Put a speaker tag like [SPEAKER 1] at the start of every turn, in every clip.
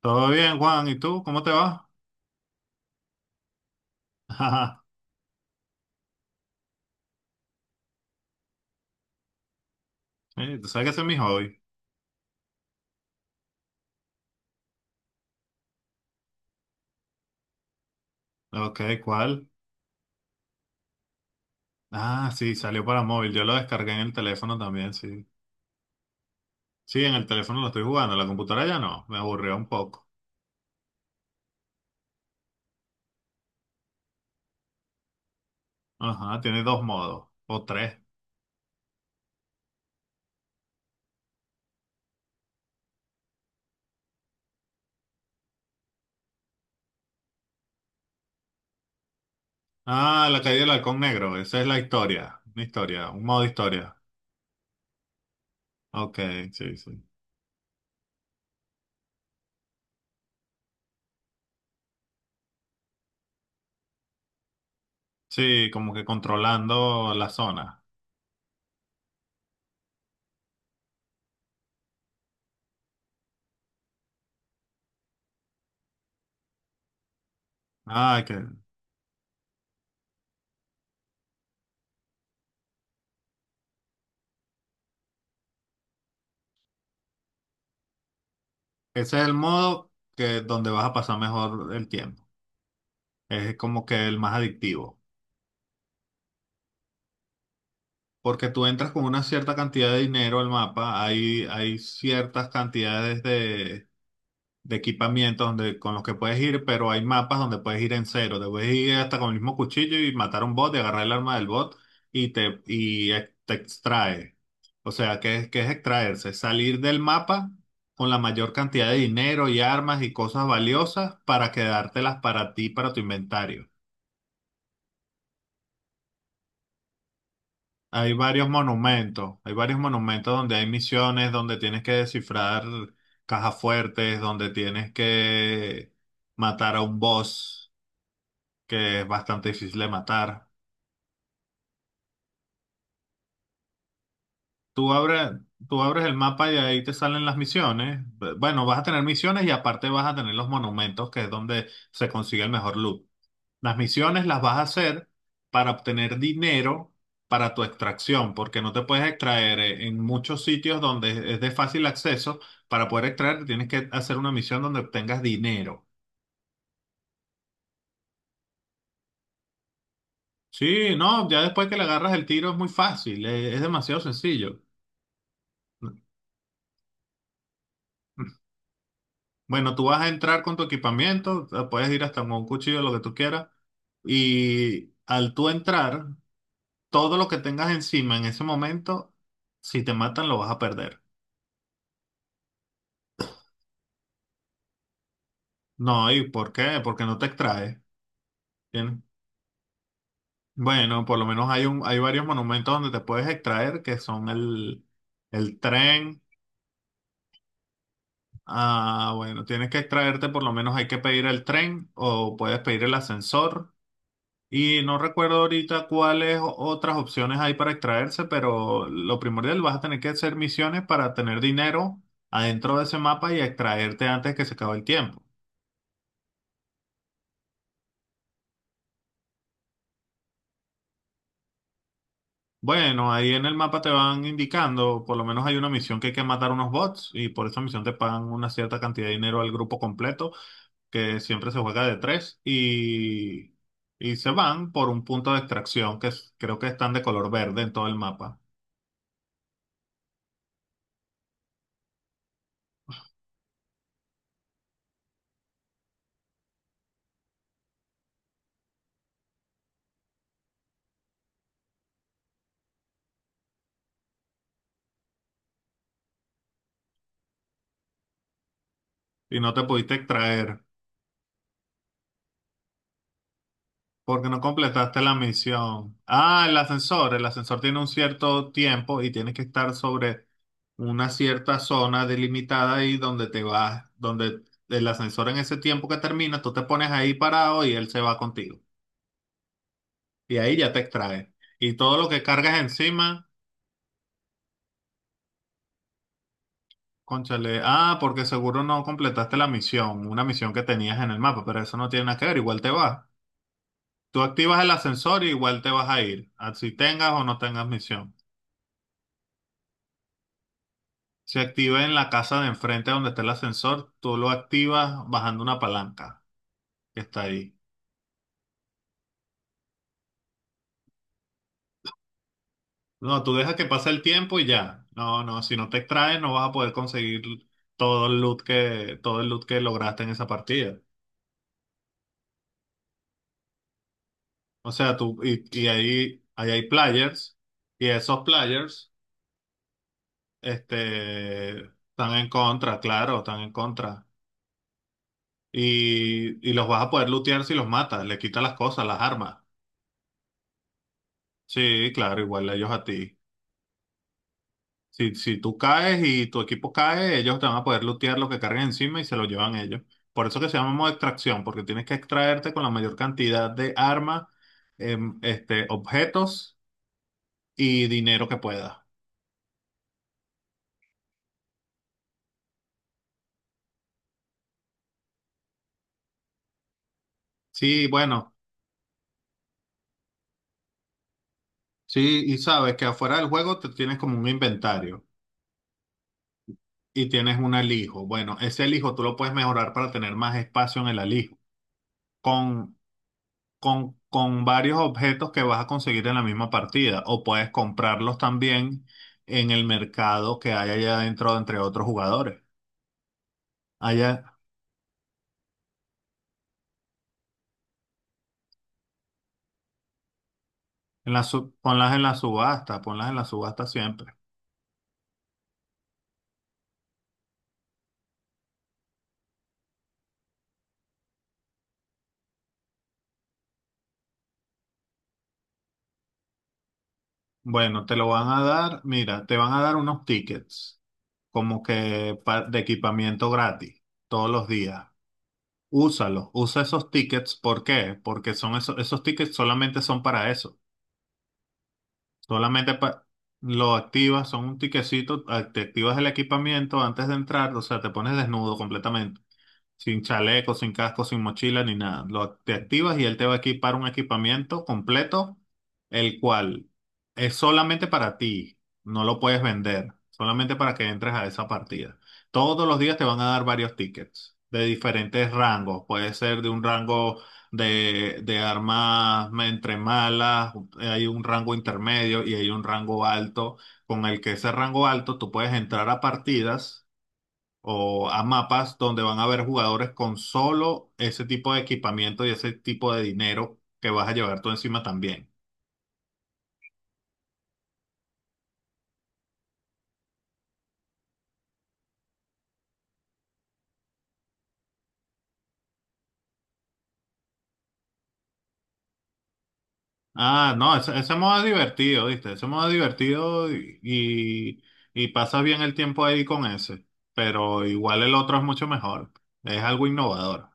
[SPEAKER 1] Todo bien, Juan. ¿Y tú? ¿Cómo te va? Ajá. Tú sabes que ese es mi hobby. Ok, ¿cuál? Ah, sí, salió para móvil. Yo lo descargué en el teléfono también, sí. Sí, en el teléfono lo estoy jugando. En la computadora ya no. Me aburrió un poco. Ajá, tiene dos modos. O tres. Ah, la caída del halcón negro. Esa es la historia. Una historia. Un modo historia. Ok, sí, sí. Sí, como que controlando la zona. Ah, que ese es el modo que donde vas a pasar mejor el tiempo. Es como que el más adictivo. Porque tú entras con una cierta cantidad de dinero al mapa, hay ciertas cantidades de equipamiento donde, con los que puedes ir, pero hay mapas donde puedes ir en cero. Te puedes ir hasta con el mismo cuchillo y matar a un bot y agarrar el arma del bot y te, y te extrae. O sea, ¿ qué es extraerse? Salir del mapa con la mayor cantidad de dinero y armas y cosas valiosas para quedártelas para ti, para tu inventario. Hay varios monumentos donde hay misiones, donde tienes que descifrar cajas fuertes, donde tienes que matar a un boss que es bastante difícil de matar. Tú abres, Tú abres el mapa y ahí te salen las misiones. Bueno, vas a tener misiones y aparte vas a tener los monumentos, que es donde se consigue el mejor loot. Las misiones las vas a hacer para obtener dinero para tu extracción, porque no te puedes extraer en muchos sitios donde es de fácil acceso. Para poder extraer, tienes que hacer una misión donde obtengas dinero. Sí, no, ya después que le agarras el tiro es muy fácil, es demasiado sencillo. Bueno, tú vas a entrar con tu equipamiento, puedes ir hasta con un cuchillo, lo que tú quieras, y al tú entrar, todo lo que tengas encima en ese momento, si te matan, lo vas a perder. No, ¿y por qué? Porque no te extraes. ¿Entiendes? Bueno, por lo menos hay varios monumentos donde te puedes extraer, que son el tren. Ah, bueno, tienes que extraerte, por lo menos hay que pedir el tren o puedes pedir el ascensor. Y no recuerdo ahorita cuáles otras opciones hay para extraerse, pero lo primordial vas a tener que hacer misiones para tener dinero adentro de ese mapa y extraerte antes que se acabe el tiempo. Bueno, ahí en el mapa te van indicando, por lo menos hay una misión que hay que matar unos bots y por esa misión te pagan una cierta cantidad de dinero al grupo completo, que siempre se juega de tres y se van por un punto de extracción que creo que están de color verde en todo el mapa y no te pudiste extraer. Porque no completaste la misión. Ah, el ascensor. El ascensor tiene un cierto tiempo y tienes que estar sobre una cierta zona delimitada ahí donde te vas, donde el ascensor en ese tiempo que termina, tú te pones ahí parado y él se va contigo. Y ahí ya te extrae. Y todo lo que cargas encima, cónchale, ah, porque seguro no completaste la misión, una misión que tenías en el mapa, pero eso no tiene nada que ver, igual te vas. Tú activas el ascensor y igual te vas a ir, así tengas o no tengas misión. Se activa en la casa de enfrente donde está el ascensor. Tú lo activas bajando una palanca que está ahí. No, tú dejas que pase el tiempo y ya. No, no, si no te extraes no vas a poder conseguir todo el loot que lograste en esa partida. O sea, tú, y ahí, ahí hay players y esos players, este, están en contra, claro, están en contra. Y los vas a poder lootear si los matas, le quitas las cosas, las armas. Sí, claro, igual ellos a ti. Si, si tú caes y tu equipo cae, ellos te van a poder lootear lo que carguen encima y se lo llevan ellos. Por eso que se llama modo extracción, porque tienes que extraerte con la mayor cantidad de armas, este, objetos y dinero que puedas. Sí, bueno, sí, y sabes que afuera del juego te tienes como un inventario y tienes un alijo. Bueno, ese alijo tú lo puedes mejorar para tener más espacio en el alijo. Con con varios objetos que vas a conseguir en la misma partida o puedes comprarlos también en el mercado que hay allá adentro entre otros jugadores. Allá en la su- ponlas en la subasta, ponlas en la subasta siempre. Bueno, te lo van a dar, mira, te van a dar unos tickets como que de equipamiento gratis todos los días. Úsalos, usa esos tickets. ¿Por qué? Porque son esos tickets solamente son para eso. Solamente pa- lo activas, son un tiquecito, te activas el equipamiento antes de entrar, o sea, te pones desnudo completamente. Sin chaleco, sin casco, sin mochila, ni nada. Lo, te activas y él te va a equipar un equipamiento completo, el cual es solamente para ti. No lo puedes vender, solamente para que entres a esa partida. Todos los días te van a dar varios tickets de diferentes rangos. Puede ser de un rango de armas entre malas, hay un rango intermedio y hay un rango alto. Con el que ese rango alto tú puedes entrar a partidas o a mapas donde van a haber jugadores con solo ese tipo de equipamiento y ese tipo de dinero que vas a llevar tú encima también. Ah, no, ese modo es divertido, ¿viste? Ese modo es divertido y pasas bien el tiempo ahí con ese, pero igual el otro es mucho mejor, es algo innovador.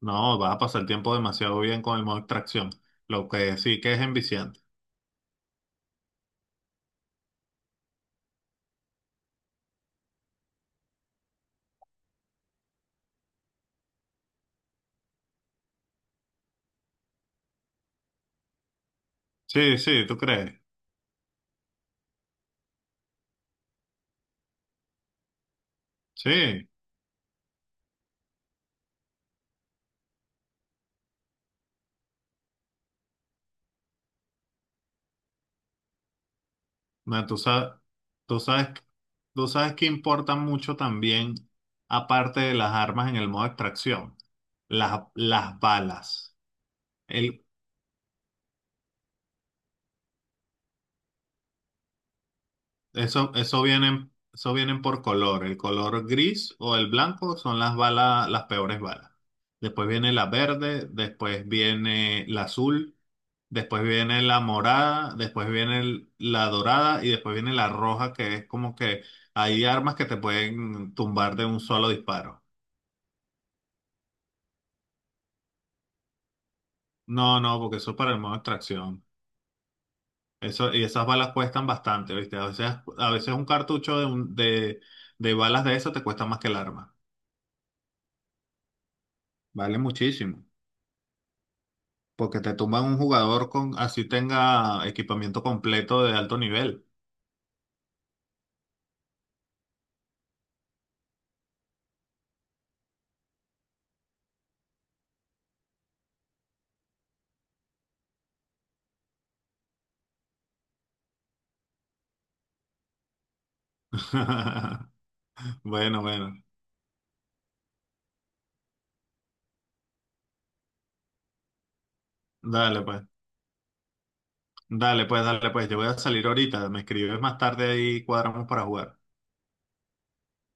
[SPEAKER 1] No, vas a pasar el tiempo demasiado bien con el modo extracción, lo que sí que es enviciante. Sí, sí, ¿tú crees? Sí. No, tú sabes, tú sabes que importa mucho también, aparte de las armas en el modo extracción, las balas. El, eso vienen por color. El color gris o el blanco son las balas, las peores balas. Después viene la verde, después viene la azul, después viene la morada, después viene la dorada y después viene la roja, que es como que hay armas que te pueden tumbar de un solo disparo. No, no, porque eso es para el modo de extracción. Eso, y esas balas cuestan bastante, ¿viste? A veces un cartucho de balas de eso te cuesta más que el arma. Vale muchísimo. Porque te tumban un jugador con, así tenga equipamiento completo de alto nivel. Bueno, bueno. Dale pues. Dale pues. Yo voy a salir ahorita. Me escribes más tarde y cuadramos para jugar.